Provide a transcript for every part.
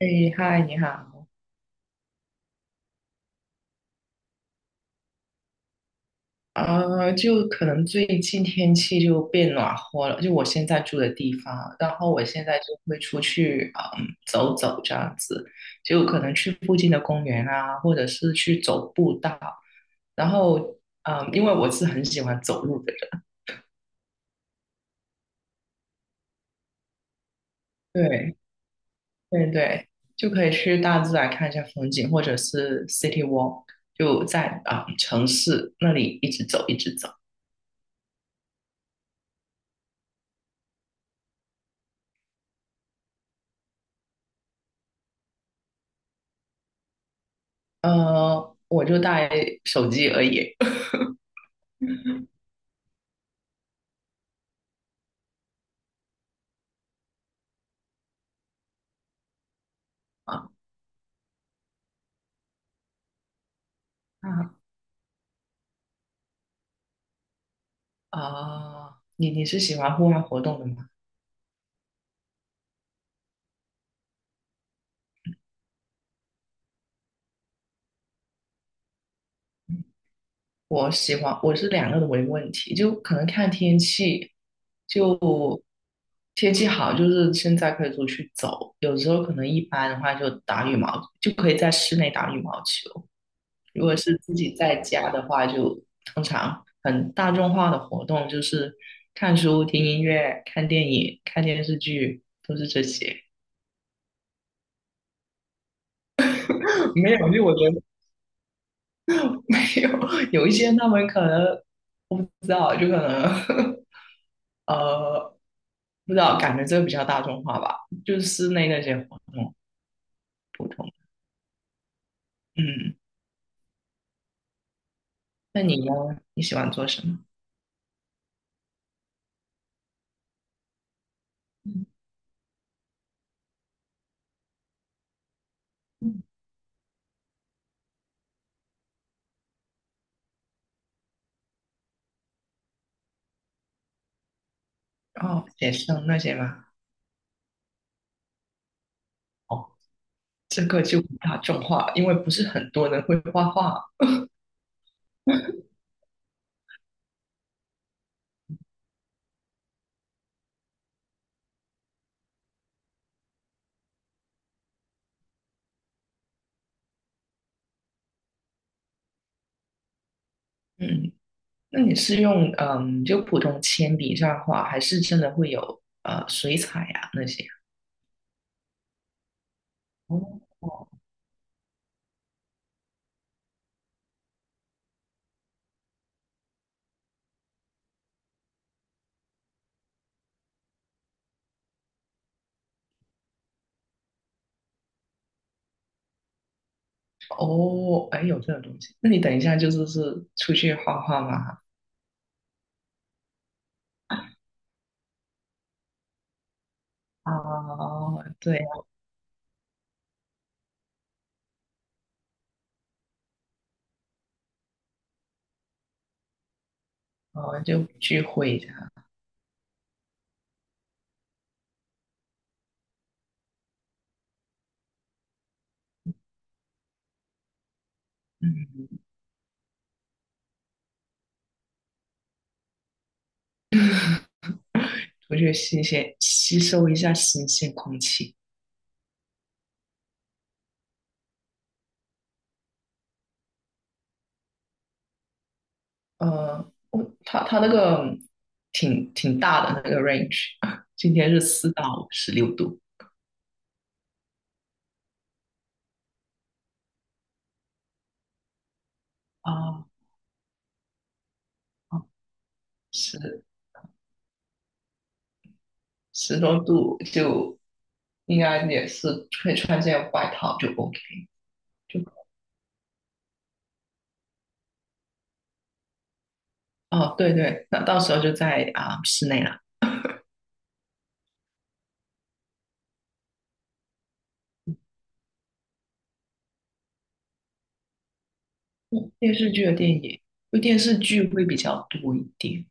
哎，嗨，你好。就可能最近天气就变暖和了，就我现在住的地方，然后我现在就会出去，走走这样子，就可能去附近的公园啊，或者是去走步道。然后，因为我是很喜欢走路的人。对，对对，就可以去大自然看一下风景，或者是 city walk，就在啊，城市那里一直走一直走。我就带手机而已。啊。啊啊，你是喜欢户外活动的吗？我喜欢，我是两个都没问题，就可能看天气，就天气好，就是现在可以出去走，有时候可能一般的话就打羽毛，就可以在室内打羽毛球。如果是自己在家的话，就通常很大众化的活动就是看书、听音乐、看电影、看电视剧，都是这些。没有，就我觉得。没有，有一些他们可能我不知道，就可能 呃不知道，感觉这个比较大众化吧，就是室内那些活动普通。嗯，那你呢？你喜欢做什么？嗯嗯，哦，写生那些吗？哦，这个就不大众化，因为不是很多人会画画。嗯，那你是用就普通铅笔这样画，还是真的会有水彩呀、那些？哦。哦，哎，有这个东西。那你等一下就是出去画画嘛？啊，对啊，哦，就聚会一下。嗯，出去吸收一下新鲜空气。我它那个挺大的那个 range，今天是4到16度啊。哦，十十多度就应该也是可以穿件外套就 OK。就哦，对对，那到时候就在啊、室内了。嗯电视剧的电影，因为电视剧会比较多一点。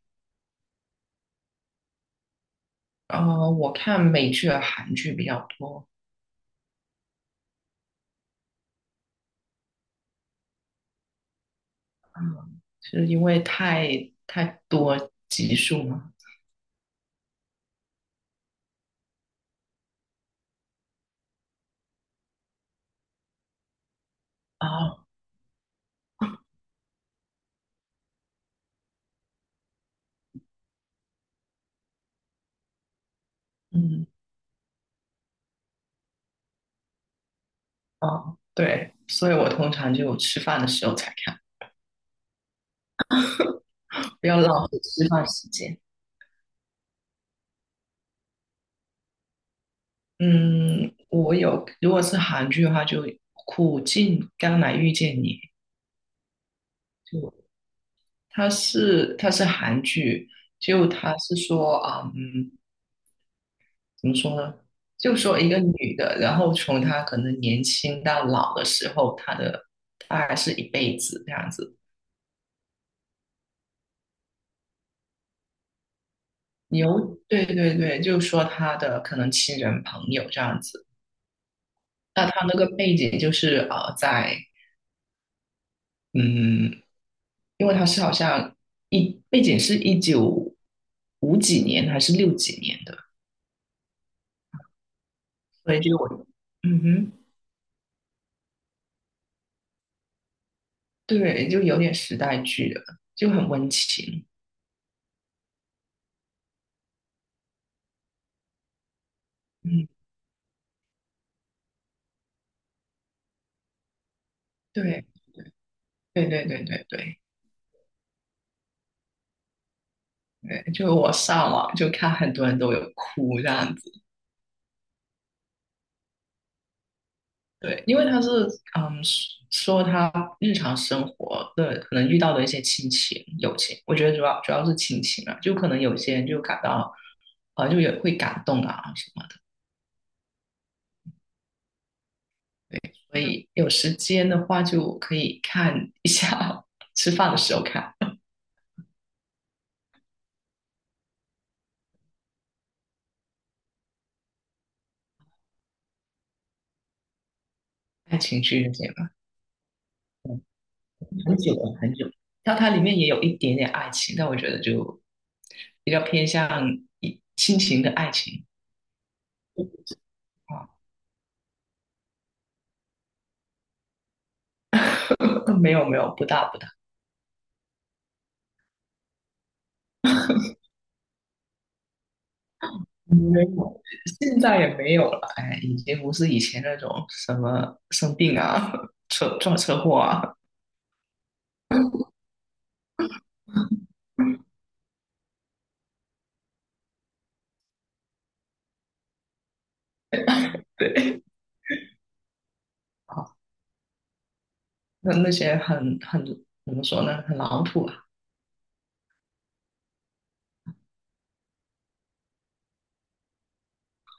我看美剧和韩剧比较多。嗯，是因为太多集数嘛。啊，嗯，啊，对，所以我通常就吃饭的时候才看，不要浪费吃饭时间。嗯，我有，如果是韩剧的话，就《苦尽甘来遇见你》。就它是韩剧，就它是说啊。嗯。怎么说呢？就说一个女的，然后从她可能年轻到老的时候，她的大概是一辈子这样子。有，对对对，就说她的可能亲人朋友这样子。那她那个背景就是在嗯，因为她是好像背景是195几年还是6几年的。所以就我，嗯哼。对，就有点时代剧的，就很温情。嗯，对对对对对对。对，就我上网就看很多人都有哭这样子。对，因为他是嗯说他日常生活的可能遇到的一些亲情、友情。我觉得主要是亲情啊，就可能有些人就感到啊就也会感动啊什么的。所以有时间的话就可以看一下。吃饭的时候看爱情剧这些吧，很久了很久了。但它里面也有一点点爱情，但我觉得就比较偏向亲情的爱情。啊。没有没有，不大不大，没有，现在也没有了。哎，已经不是以前那种什么生病啊、车祸啊。对啊，那些很怎么说呢，很老土啊。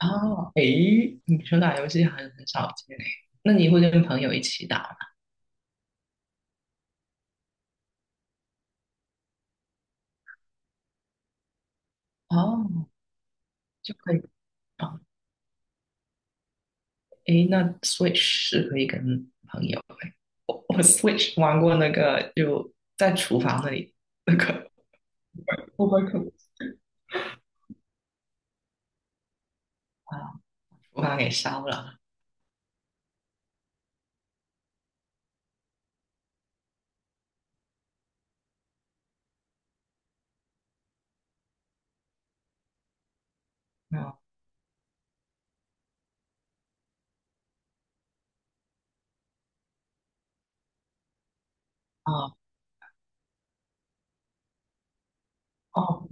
哦，哎，你说打游戏很少见嘞。那你会跟朋友一起打吗？哦，就可以啊。哎，那 Switch 是可以跟朋友哎，我 Switch 玩过那个，就在厨房那里那个 Overcook 啊，厨房给烧了。啊。啊哦，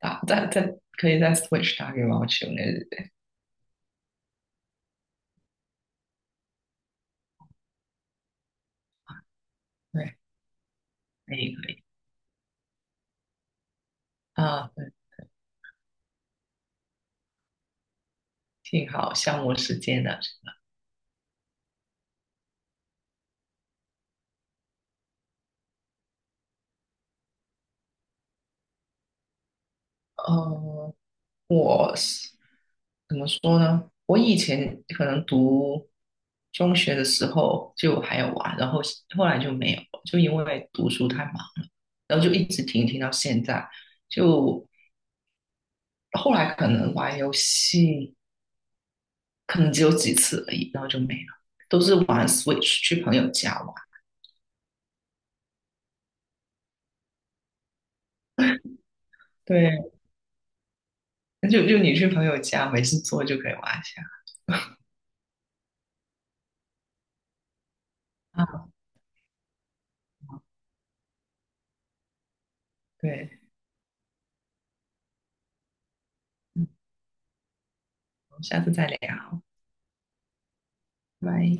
打再可以再 switch 打羽毛球那日。对，可以可以啊，对，挺好，消磨时间的。呃，我是怎么说呢？我以前可能读中学的时候就还有玩，然后后来就没有，就因为读书太忙，然后就一直停到现在。就后来可能玩游戏，可能只有几次而已，然后就没了，都是玩 Switch 去朋友家玩。对，那就你去朋友家没事做就可以挖下啊。对，嗯我们下次再聊，拜。